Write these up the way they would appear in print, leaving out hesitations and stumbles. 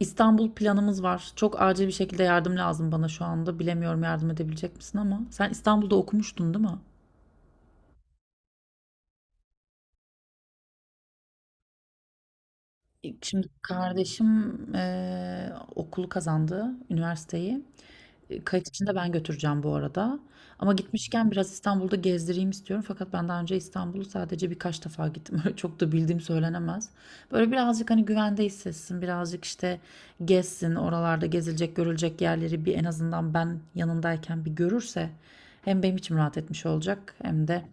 İstanbul planımız var. Çok acil bir şekilde yardım lazım bana şu anda. Bilemiyorum yardım edebilecek misin ama sen İstanbul'da okumuştun, değil mi? Şimdi kardeşim okulu kazandı, üniversiteyi. Kayıt için de ben götüreceğim bu arada. Ama gitmişken biraz İstanbul'da gezdireyim istiyorum. Fakat ben daha önce İstanbul'u sadece birkaç defa gittim. Öyle çok da bildiğim söylenemez. Böyle birazcık hani güvende hissetsin. Birazcık işte gezsin. Oralarda gezilecek, görülecek yerleri bir en azından ben yanındayken bir görürse hem benim içim rahat etmiş olacak hem de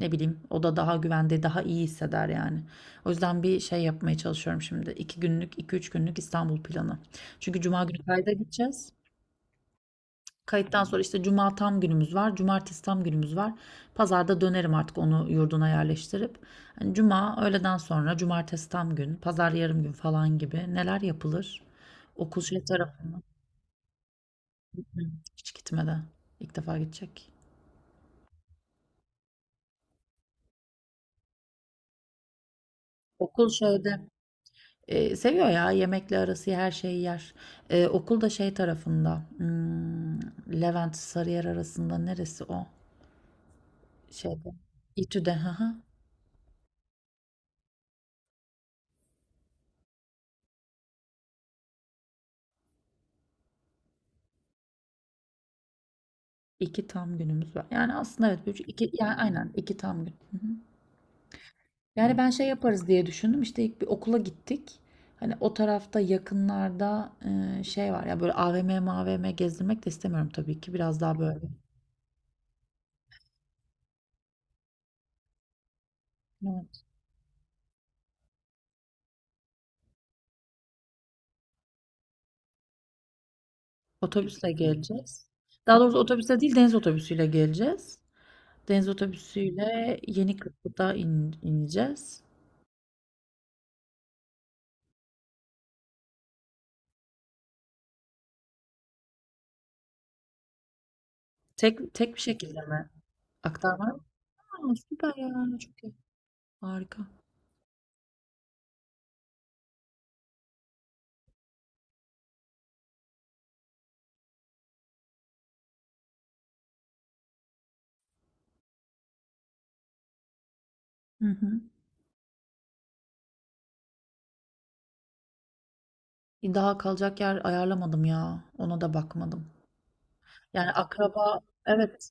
ne bileyim o da daha güvende, daha iyi hisseder yani. O yüzden bir şey yapmaya çalışıyorum şimdi. İki günlük, iki üç günlük İstanbul planı. Çünkü Cuma günü kayda gideceğiz. Kayıttan sonra işte Cuma tam günümüz var. Cumartesi tam günümüz var. Pazarda dönerim artık onu yurduna yerleştirip. Hani Cuma öğleden sonra, Cumartesi tam gün, Pazar yarım gün falan gibi neler yapılır? Okul şey tarafına hiç gitmeden. İlk defa gidecek. Okul şeyde. Seviyor ya yemekle arası her şeyi yer. Okul da şey tarafında. Levent Sarıyer arasında neresi o? Şeyde. İTÜ'de. Hı hı. İki tam günümüz var. Yani aslında evet. bir, üç- iki, yani aynen iki tam gün. Yani ben şey yaparız diye düşündüm. İşte ilk bir okula gittik. Hani o tarafta yakınlarda şey var ya böyle AVM mavm gezdirmek de istemiyorum tabii ki. Biraz daha böyle. Evet. Otobüsle geleceğiz. Daha doğrusu otobüsle değil deniz otobüsüyle geleceğiz. Deniz otobüsüyle Yenikapı'da ineceğiz. Tek tek bir şekilde mi? Aktarma. Aa, süper ya. Çok iyi. Harika. Hı hı. Daha kalacak yer ayarlamadım ya. Ona da bakmadım. Yani akraba, evet,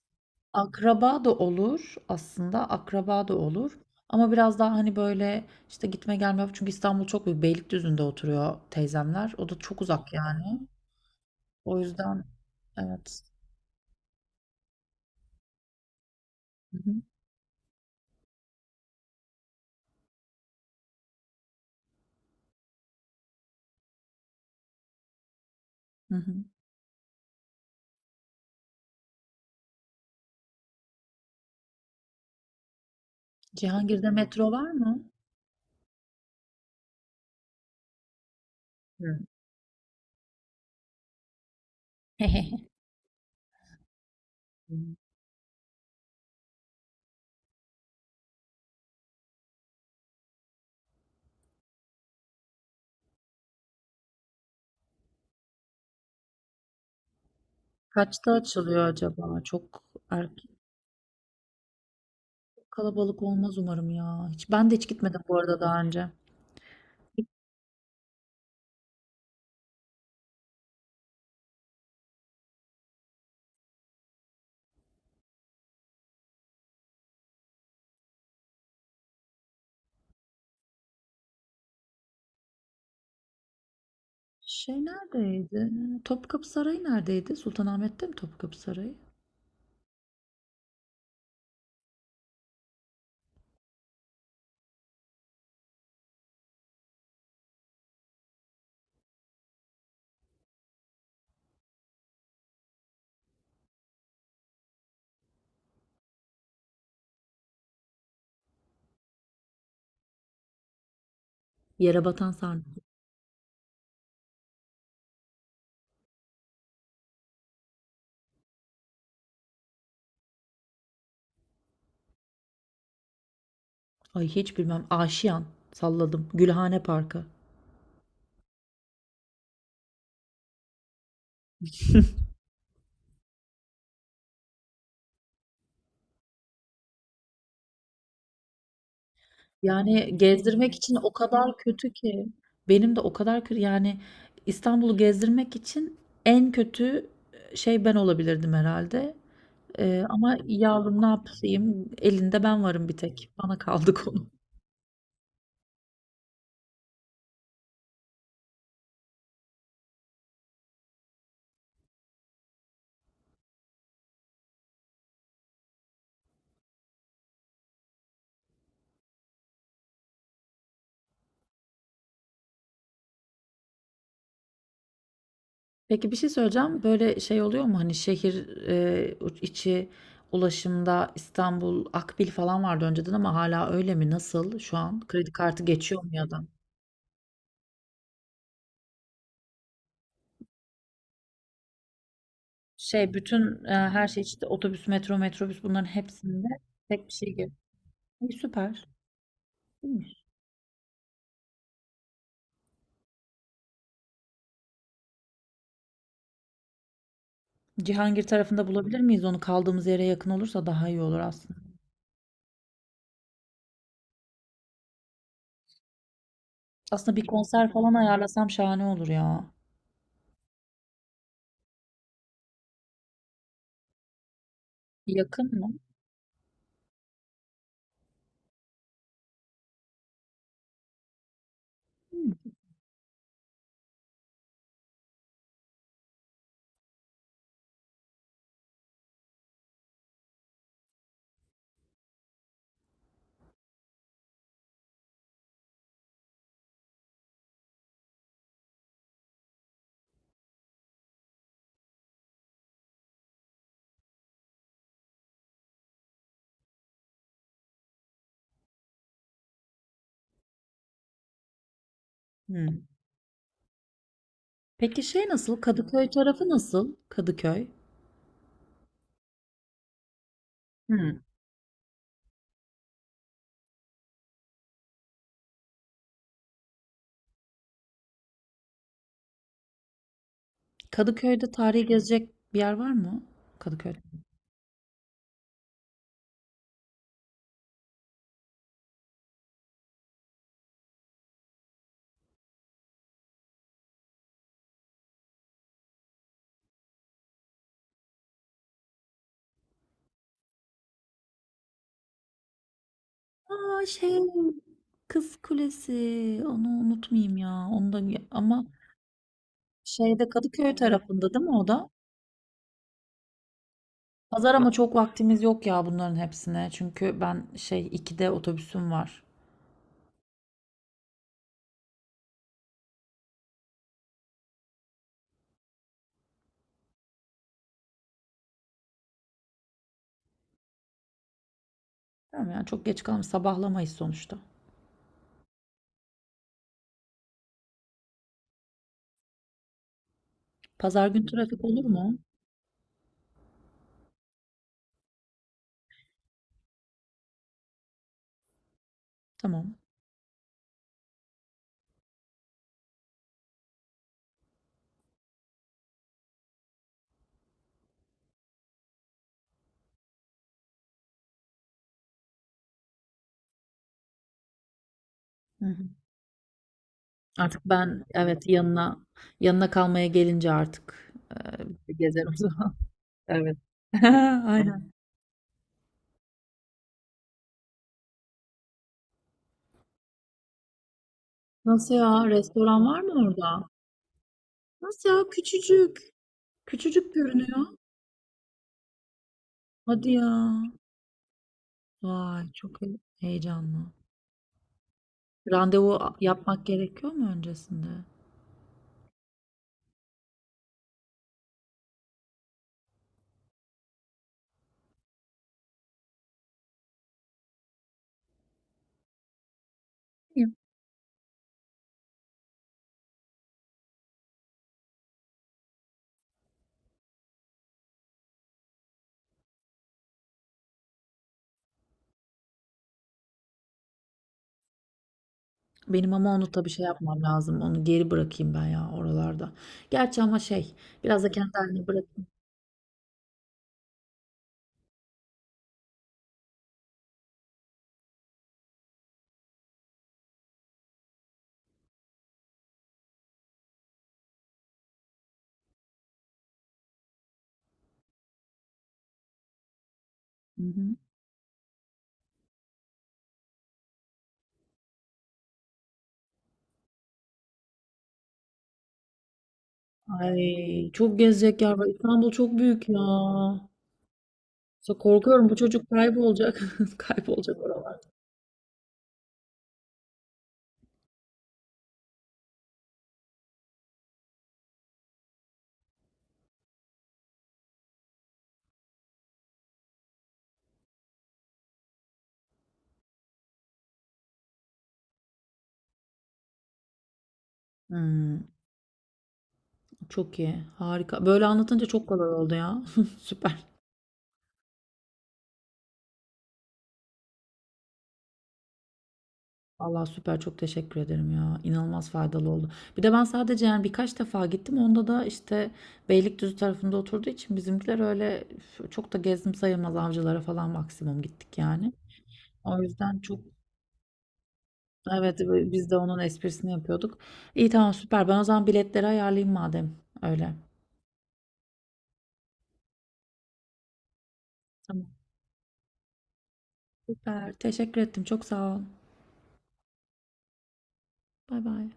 akraba da olur aslında akraba da olur. Ama biraz daha hani böyle işte gitme gelme çünkü İstanbul çok büyük. Beylikdüzü'nde oturuyor teyzemler. O da çok uzak yani. O yüzden evet. Hı hı. Hı hı. Cihangir'de metro var mı? Hı. Kaçta açılıyor acaba? Çok erken, kalabalık olmaz umarım ya. Hiç, ben de hiç gitmedim bu arada daha önce. Şey neredeydi? Topkapı Sarayı neredeydi? Sultanahmet'te mi Topkapı Sarayı? Yere batan sarnıcı. Ay hiç bilmem. Aşiyan, salladım. Gülhane Parkı. Yani gezdirmek için o kadar kötü ki. Benim de o kadar kötü. Yani İstanbul'u gezdirmek için en kötü şey ben olabilirdim herhalde. Ama yavrum ne yapayım? Elinde ben varım bir tek. Bana kaldı konu. Peki bir şey söyleyeceğim. Böyle şey oluyor mu? Hani şehir içi ulaşımda İstanbul Akbil falan vardı önceden ama hala öyle mi? Nasıl şu an? Kredi kartı geçiyor mu ya da? Şey bütün her şey işte otobüs, metro, metrobüs bunların hepsinde tek bir şey gibi. İyi, süper. İyiymiş. Cihangir tarafında bulabilir miyiz onu? Kaldığımız yere yakın olursa daha iyi olur aslında. Aslında bir konser falan ayarlasam şahane olur ya. Yakın mı? Hıı. Peki şey nasıl? Kadıköy tarafı nasıl? Kadıköy. Hıı. Kadıköy'de tarihi gezecek bir yer var mı? Kadıköy'de. A! Şey, Kız Kulesi. Onu unutmayayım ya. Onu da ya ama şeyde Kadıköy tarafında değil mi o da? Pazar ama çok vaktimiz yok ya bunların hepsine. Çünkü ben şey 2'de otobüsüm var. Tamam yani çok geç kalmış. Sabahlamayız sonuçta. Pazar gün trafik olur mu? Tamam. Hı hı. Artık ben, evet, yanına yanına kalmaya gelince artık gezerim o zaman. Evet. Aynen. Nasıl ya? Restoran var mı orada? Nasıl ya? Küçücük. Küçücük görünüyor. Hadi ya. Vay çok heyecanlı. Randevu yapmak gerekiyor mu öncesinde? Yok. Benim ama onu tabii şey yapmam lazım. Onu geri bırakayım ben ya oralarda. Gerçi ama şey biraz da kendi haline bırakayım. Hı hı. Ay çok gezecek yer var. İstanbul çok büyük ya. Korkuyorum bu çocuk kaybolacak. Kaybolacak oralar. Hmm, çok iyi. Harika. Böyle anlatınca çok kolay oldu ya. Süper. Allah süper çok teşekkür ederim ya. İnanılmaz faydalı oldu. Bir de ben sadece yani birkaç defa gittim. Onda da işte Beylikdüzü tarafında oturduğu için bizimkiler öyle üf, çok da gezdim sayılmaz avcılara falan maksimum gittik yani. O yüzden çok, evet, biz de onun esprisini yapıyorduk. İyi tamam süper. Ben o zaman biletleri ayarlayayım madem öyle. Tamam süper. Teşekkür ettim. Çok sağ ol. Bay bay.